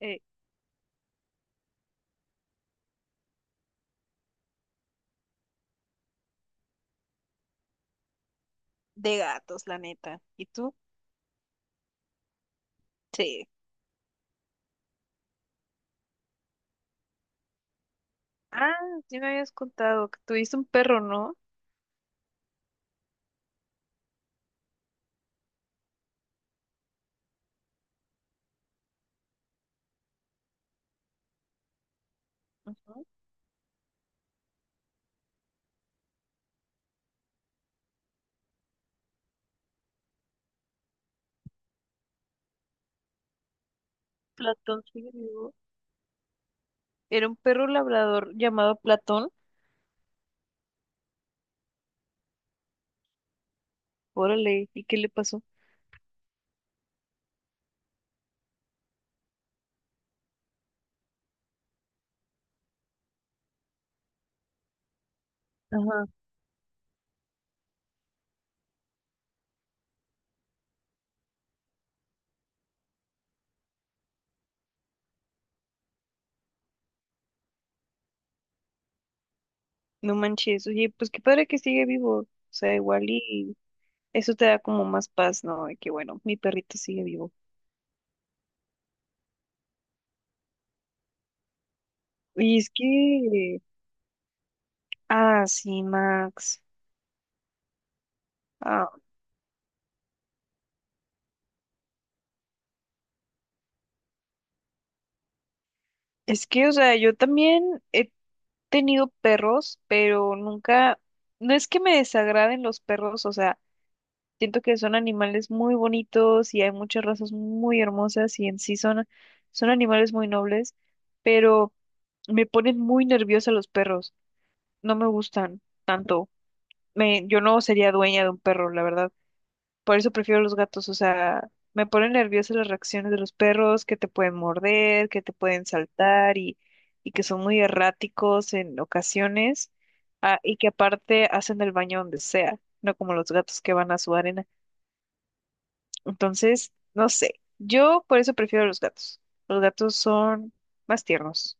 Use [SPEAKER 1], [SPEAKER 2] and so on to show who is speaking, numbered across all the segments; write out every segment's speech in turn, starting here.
[SPEAKER 1] Eh, de gatos, la neta. ¿Y tú? Sí. Ah, sí me habías contado que tuviste un perro, ¿no? Ujú. Platón sigue vivo. Era un perro labrador llamado Platón. Órale, ¿y qué le pasó? Ajá. No manches, oye, pues qué padre que sigue vivo. O sea, igual y eso te da como más paz, ¿no? De que bueno, mi perrito sigue vivo. Y es que, ah, sí, Max. Ah, es que, o sea, yo también he tenido perros, pero nunca, no es que me desagraden los perros, o sea, siento que son animales muy bonitos y hay muchas razas muy hermosas y en sí son, son animales muy nobles, pero me ponen muy nerviosa los perros, no me gustan tanto. Me, yo no sería dueña de un perro, la verdad. Por eso prefiero los gatos, o sea, me ponen nerviosa las reacciones de los perros, que te pueden morder, que te pueden saltar y que son muy erráticos en ocasiones, ah, y que aparte hacen el baño donde sea, no como los gatos que van a su arena. Entonces, no sé, yo por eso prefiero los gatos. Los gatos son más tiernos.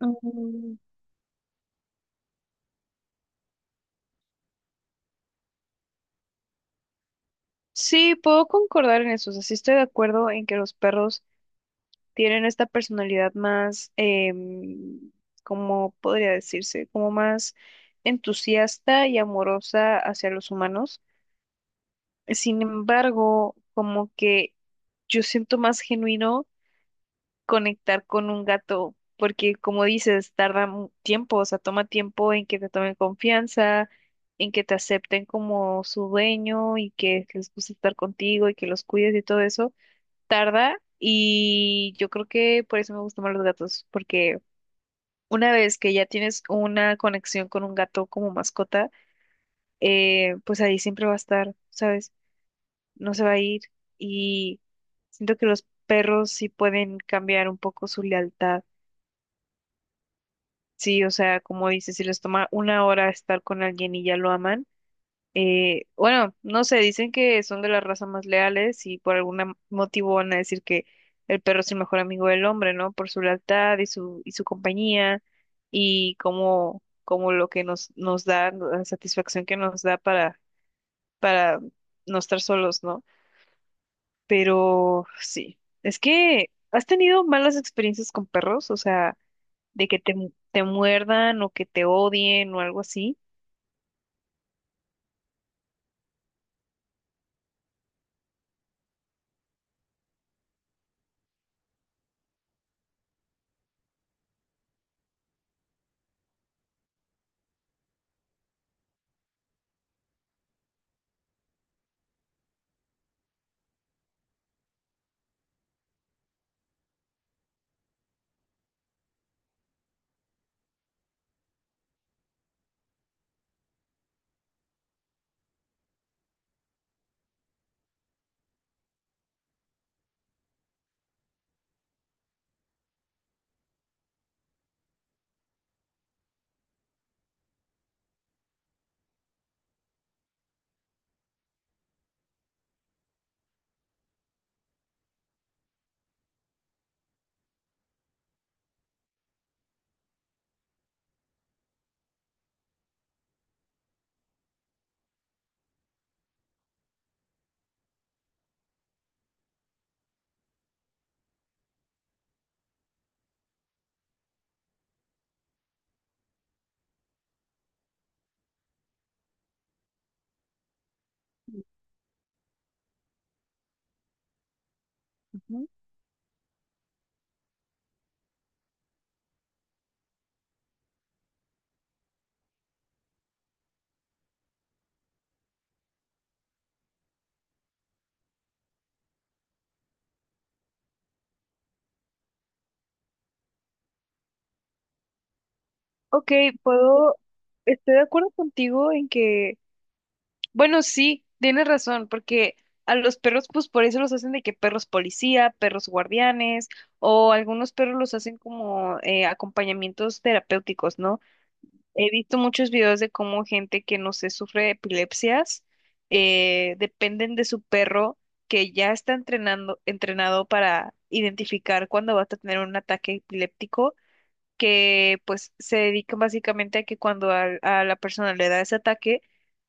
[SPEAKER 1] Mm. Sí, puedo concordar en eso, o sea, sí estoy de acuerdo en que los perros tienen esta personalidad más, em, ¿cómo podría decirse? Como más entusiasta y amorosa hacia los humanos. Sin embargo, como que yo siento más genuino conectar con un gato, porque como dices, tiempo, o sea, toma tiempo en que te tomen confianza, en que te acepten como su dueño y que les guste estar contigo y que los cuides y todo eso tarda y yo creo que por eso me gustan más los gatos, porque una vez que ya tienes una conexión con un gato como mascota, pues ahí siempre va a estar, ¿sabes? No se va a ir y siento que los perros sí pueden cambiar un poco su lealtad. Sí, o sea, como dices, si les toma una hora estar con alguien y ya lo aman. Bueno, no sé, dicen que son de las razas más leales y por algún motivo van a decir que el perro es el mejor amigo del hombre, ¿no? Por su lealtad y su compañía y como, como lo que nos, nos da, la satisfacción que nos da para no estar solos, ¿no? Pero sí, es que has tenido malas experiencias con perros, o sea, de que te muerdan o que te odien o algo así. Ok, puedo, estoy de acuerdo contigo en que, bueno, sí, tienes razón, porque a los perros, pues por eso los hacen de que perros policía, perros guardianes, o algunos perros los hacen como acompañamientos terapéuticos, ¿no? He visto muchos videos de cómo gente que, no sé, sufre de epilepsias, dependen de su perro que ya está entrenado para identificar cuando vas a tener un ataque epiléptico que pues se dedican básicamente a que cuando a, la persona le da ese ataque,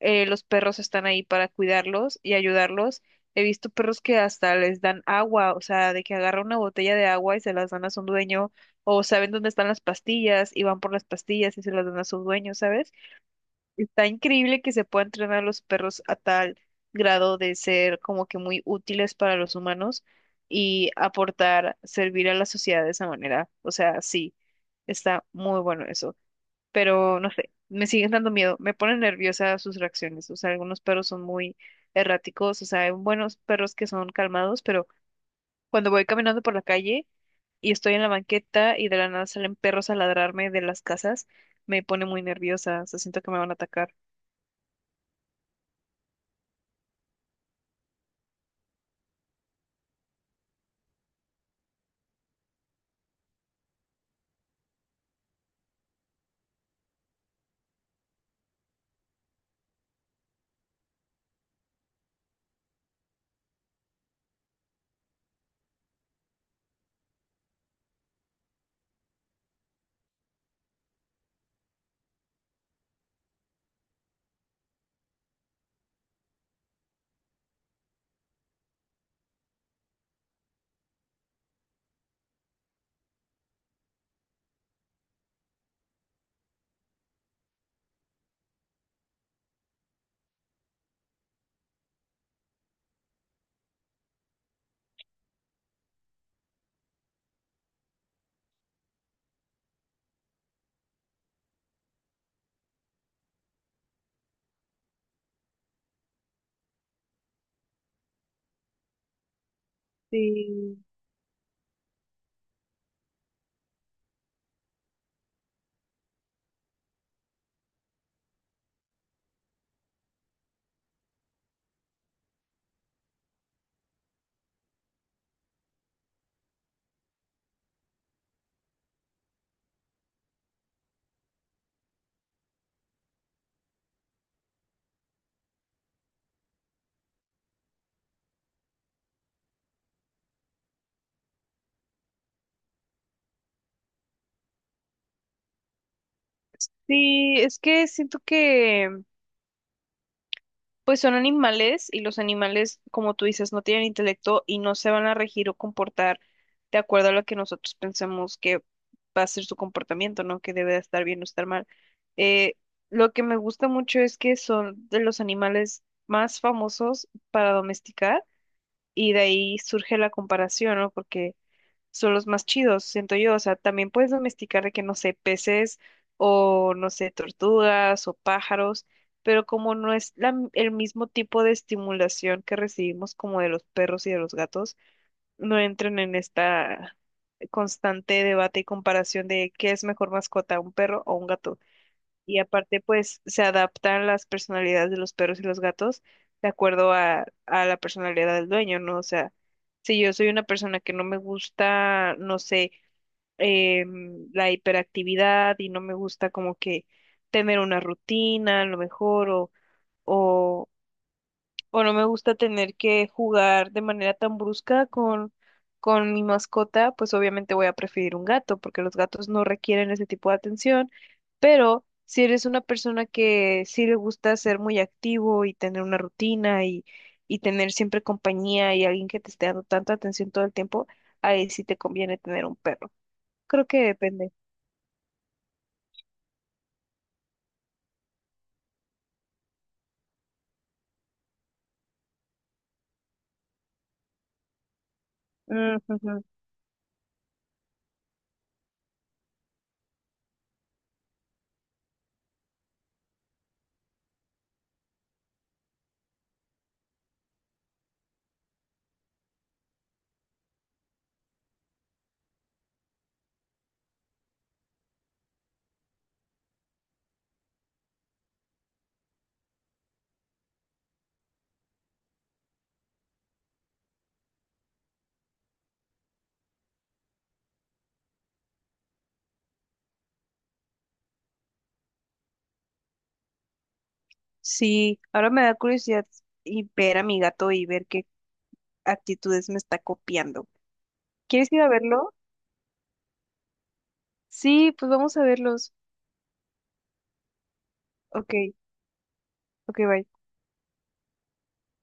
[SPEAKER 1] los perros están ahí para cuidarlos y ayudarlos. He visto perros que hasta les dan agua, o sea, de que agarran una botella de agua y se las dan a su dueño, o saben dónde están las pastillas y van por las pastillas y se las dan a su dueño, ¿sabes? Está increíble que se pueda entrenar a los perros a tal grado de ser como que muy útiles para los humanos y aportar, servir a la sociedad de esa manera. O sea, sí, está muy bueno eso. Pero no sé, me siguen dando miedo, me ponen nerviosa sus reacciones. O sea, algunos perros son muy erráticos, o sea, hay buenos perros que son calmados, pero cuando voy caminando por la calle y estoy en la banqueta y de la nada salen perros a ladrarme de las casas, me pone muy nerviosa, o sea, siento que me van a atacar. Sí, sí, es que siento que pues son animales y los animales, como tú dices, no tienen intelecto y no se van a regir o comportar de acuerdo a lo que nosotros pensemos que va a ser su comportamiento, ¿no? Que debe de estar bien o estar mal. Eh, lo que me gusta mucho es que son de los animales más famosos para domesticar y de ahí surge la comparación, ¿no? Porque son los más chidos, siento yo. O sea, también puedes domesticar de que, no sé, peces o, no sé, tortugas o pájaros, pero como no es el mismo tipo de estimulación que recibimos como de los perros y de los gatos, no entran en esta constante debate y comparación de qué es mejor mascota, un perro o un gato. Y aparte, pues, se adaptan las personalidades de los perros y los gatos de acuerdo a la personalidad del dueño, ¿no? O sea, si yo soy una persona que no me gusta, no sé, la hiperactividad y no me gusta como que tener una rutina a lo mejor o, o no me gusta tener que jugar de manera tan brusca con mi mascota, pues obviamente voy a preferir un gato porque los gatos no requieren ese tipo de atención, pero si eres una persona que sí le gusta ser muy activo y tener una rutina y tener siempre compañía y alguien que te esté dando tanta atención todo el tiempo, ahí sí te conviene tener un perro. Creo que depende. Mm, ujú. Sí, ahora me da curiosidad y ver a mi gato y ver qué actitudes me está copiando. ¿Quieres ir a verlo? Sí, pues vamos a verlos. Ok, ok, bye.